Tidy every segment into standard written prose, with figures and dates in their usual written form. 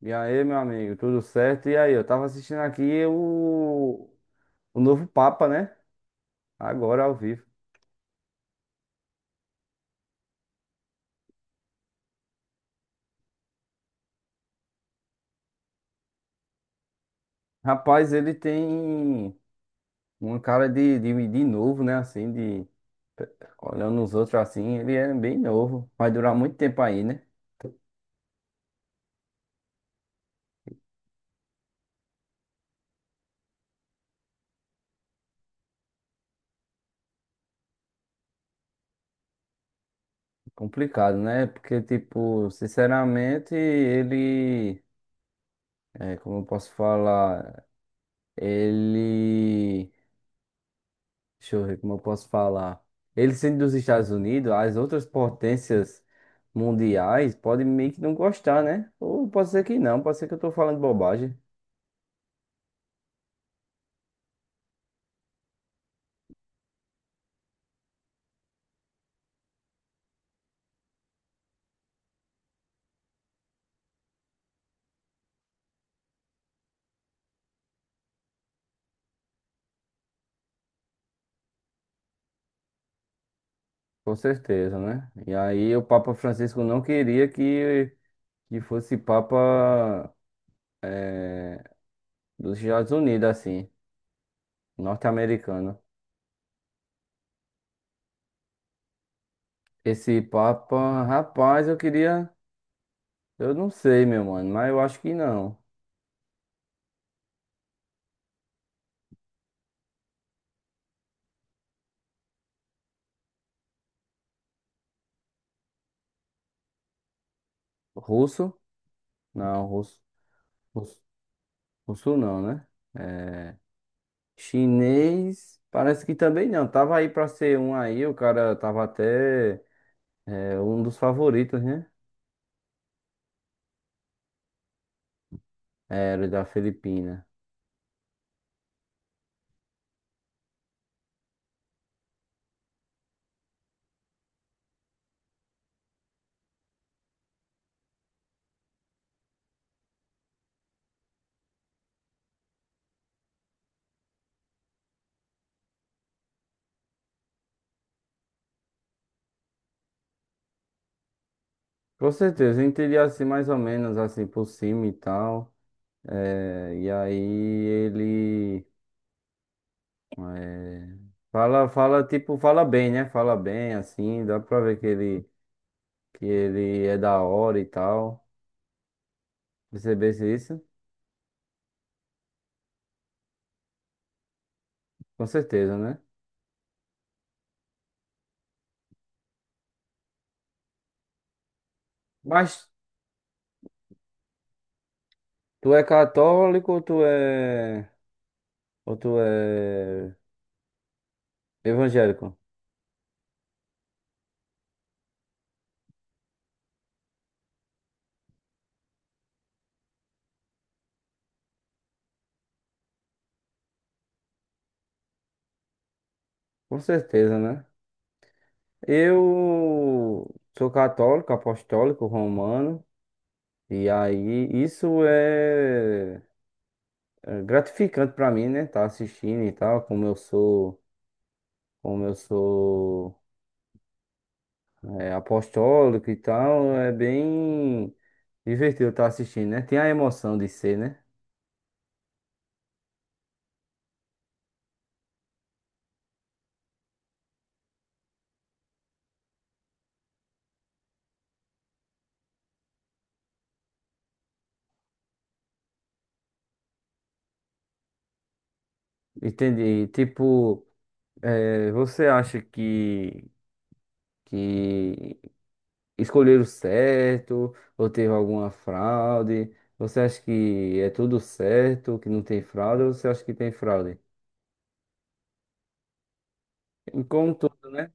E aí, meu amigo, tudo certo? E aí, eu tava assistindo aqui o novo Papa, né? Agora ao vivo. Rapaz, ele tem uma cara de novo, né? Assim, de olhando os outros assim, ele é bem novo. Vai durar muito tempo aí, né? Complicado, né? Porque, tipo, sinceramente, ele. É, como eu posso falar? Ele. Deixa eu ver como eu posso falar. Ele sendo dos Estados Unidos, as outras potências mundiais podem meio que não gostar, né? Ou pode ser que não, pode ser que eu tô falando bobagem. Com certeza, né? E aí o Papa Francisco não queria que fosse Papa dos Estados Unidos, assim, norte-americano. Esse Papa, rapaz, eu queria. Eu não sei, meu mano, mas eu acho que não. Russo? Não, russo. Russo, russo não, né? É, chinês, parece que também não. Tava aí pra ser um aí, o cara tava até um dos favoritos, né? É, era da Filipina. Com certeza, eu entendi assim mais ou menos assim por cima e tal. É, e aí ele é, fala tipo, fala bem, né? Fala bem assim, dá pra ver que ele é da hora e tal. Percebesse isso? Com certeza, né? Mas tu é católico ou tu é evangélico, com certeza, né? Eu sou católico, apostólico, romano, e aí isso é gratificante pra mim, né? Tá assistindo e tal, como eu sou apostólico e tal, é bem divertido estar assistindo, né? Tem a emoção de ser, né? Entendi. Tipo, é, você acha que escolheram certo ou teve alguma fraude? Você acha que é tudo certo, que não tem fraude, ou você acha que tem fraude? E como tudo, né?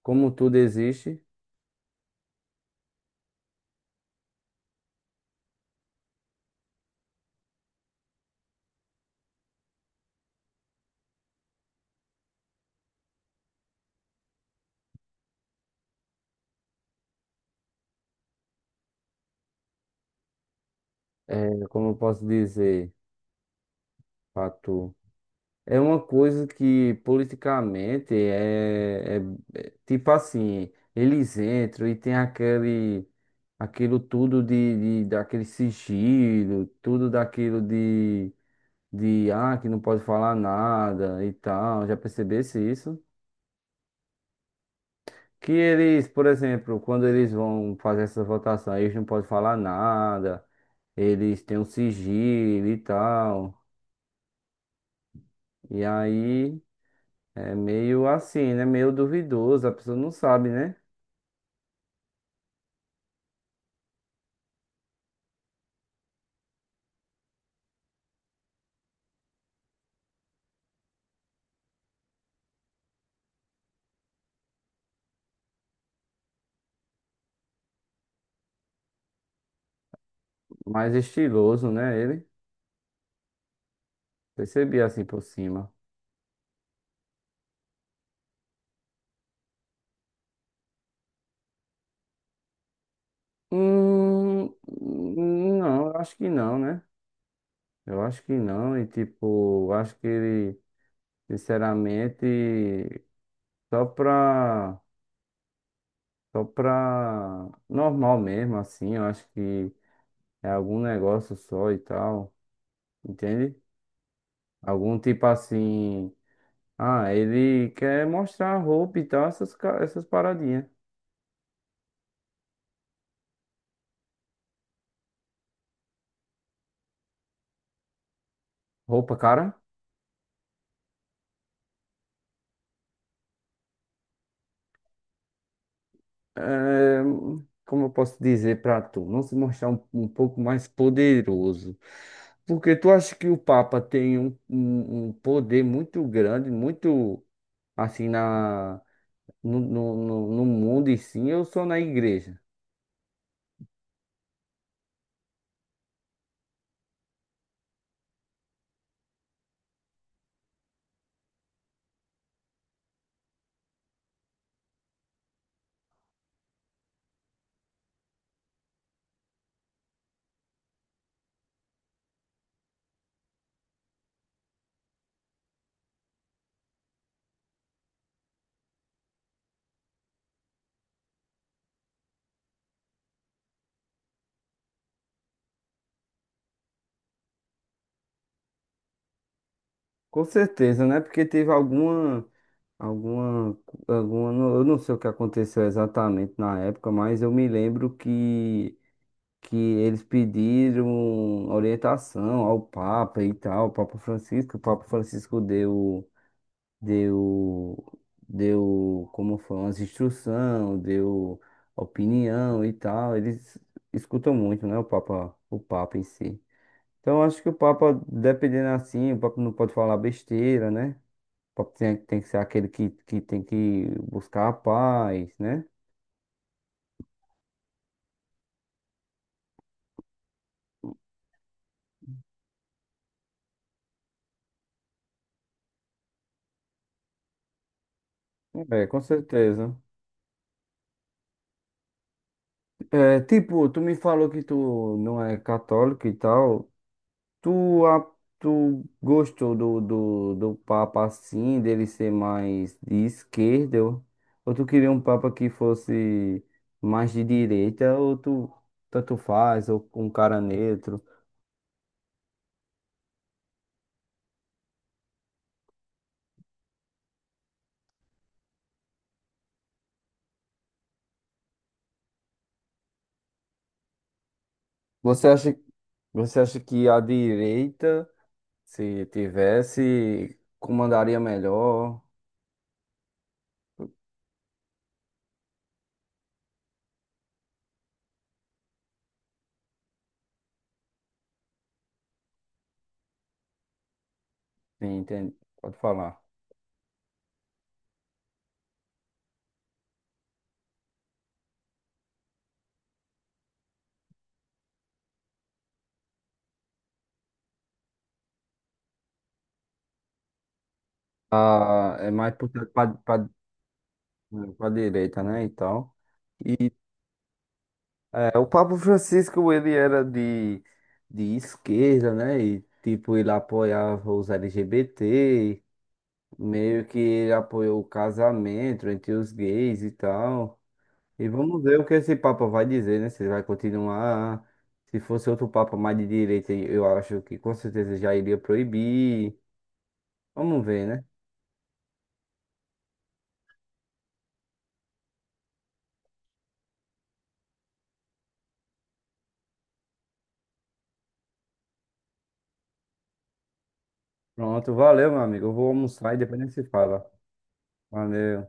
Como tudo existe, eh, como eu posso dizer, fato. É uma coisa que politicamente é tipo assim, eles entram e tem aquele aquilo tudo de daquele sigilo, tudo daquilo de, que não pode falar nada e tal. Já percebesse isso? Que eles, por exemplo, quando eles vão fazer essa votação, eles não podem falar nada, eles têm um sigilo e tal. E aí. É meio assim, né? Meio duvidoso, a pessoa não sabe, né? Mais estiloso, né? Ele percebi assim por cima. Hum, não, eu acho que não, né? Eu acho que não, e tipo, eu acho que ele, sinceramente, só pra, só pra normal mesmo, assim, eu acho que é algum negócio só e tal, entende? Algum tipo assim, ah, ele quer mostrar a roupa e tal, essas, essas paradinhas. Roupa cara? É, como eu posso dizer para tu? Não se mostrar um pouco mais poderoso. Porque tu acha que o Papa tem um poder muito grande, muito assim na, no no mundo e sim, eu sou na igreja. Com certeza, né? Porque teve alguma, alguma, eu não sei o que aconteceu exatamente na época, mas eu me lembro que eles pediram orientação ao Papa e tal, ao Papa Francisco. O Papa Francisco deu, deu, como foi, umas instrução, deu opinião e tal. Eles escutam muito, né, o Papa em si. Então, eu acho que o Papa, dependendo assim, o Papa não pode falar besteira, né? O Papa tem, tem que ser aquele que tem que buscar a paz, né? É, com certeza. É, tipo, tu me falou que tu não é católico e tal. Tu, a- Tu gostou do Papa assim, dele ser mais de esquerda? Ou tu queria um Papa que fosse mais de direita? Ou tu tanto faz, ou um cara neutro? Você acha, você acha que a direita, se tivesse, comandaria melhor? Sim, entende? Pode falar. Ah, é mais puxado pra direita, né? E tal. É, o Papa Francisco, ele era de esquerda, né? E, tipo, ele apoiava os LGBT, meio que ele apoiou o casamento entre os gays e tal. E vamos ver o que esse Papa vai dizer, né? Se ele vai continuar. Se fosse outro Papa mais de direita, eu acho que com certeza já iria proibir. Vamos ver, né? Pronto, valeu, meu amigo. Eu vou almoçar e depois a gente se fala. Valeu.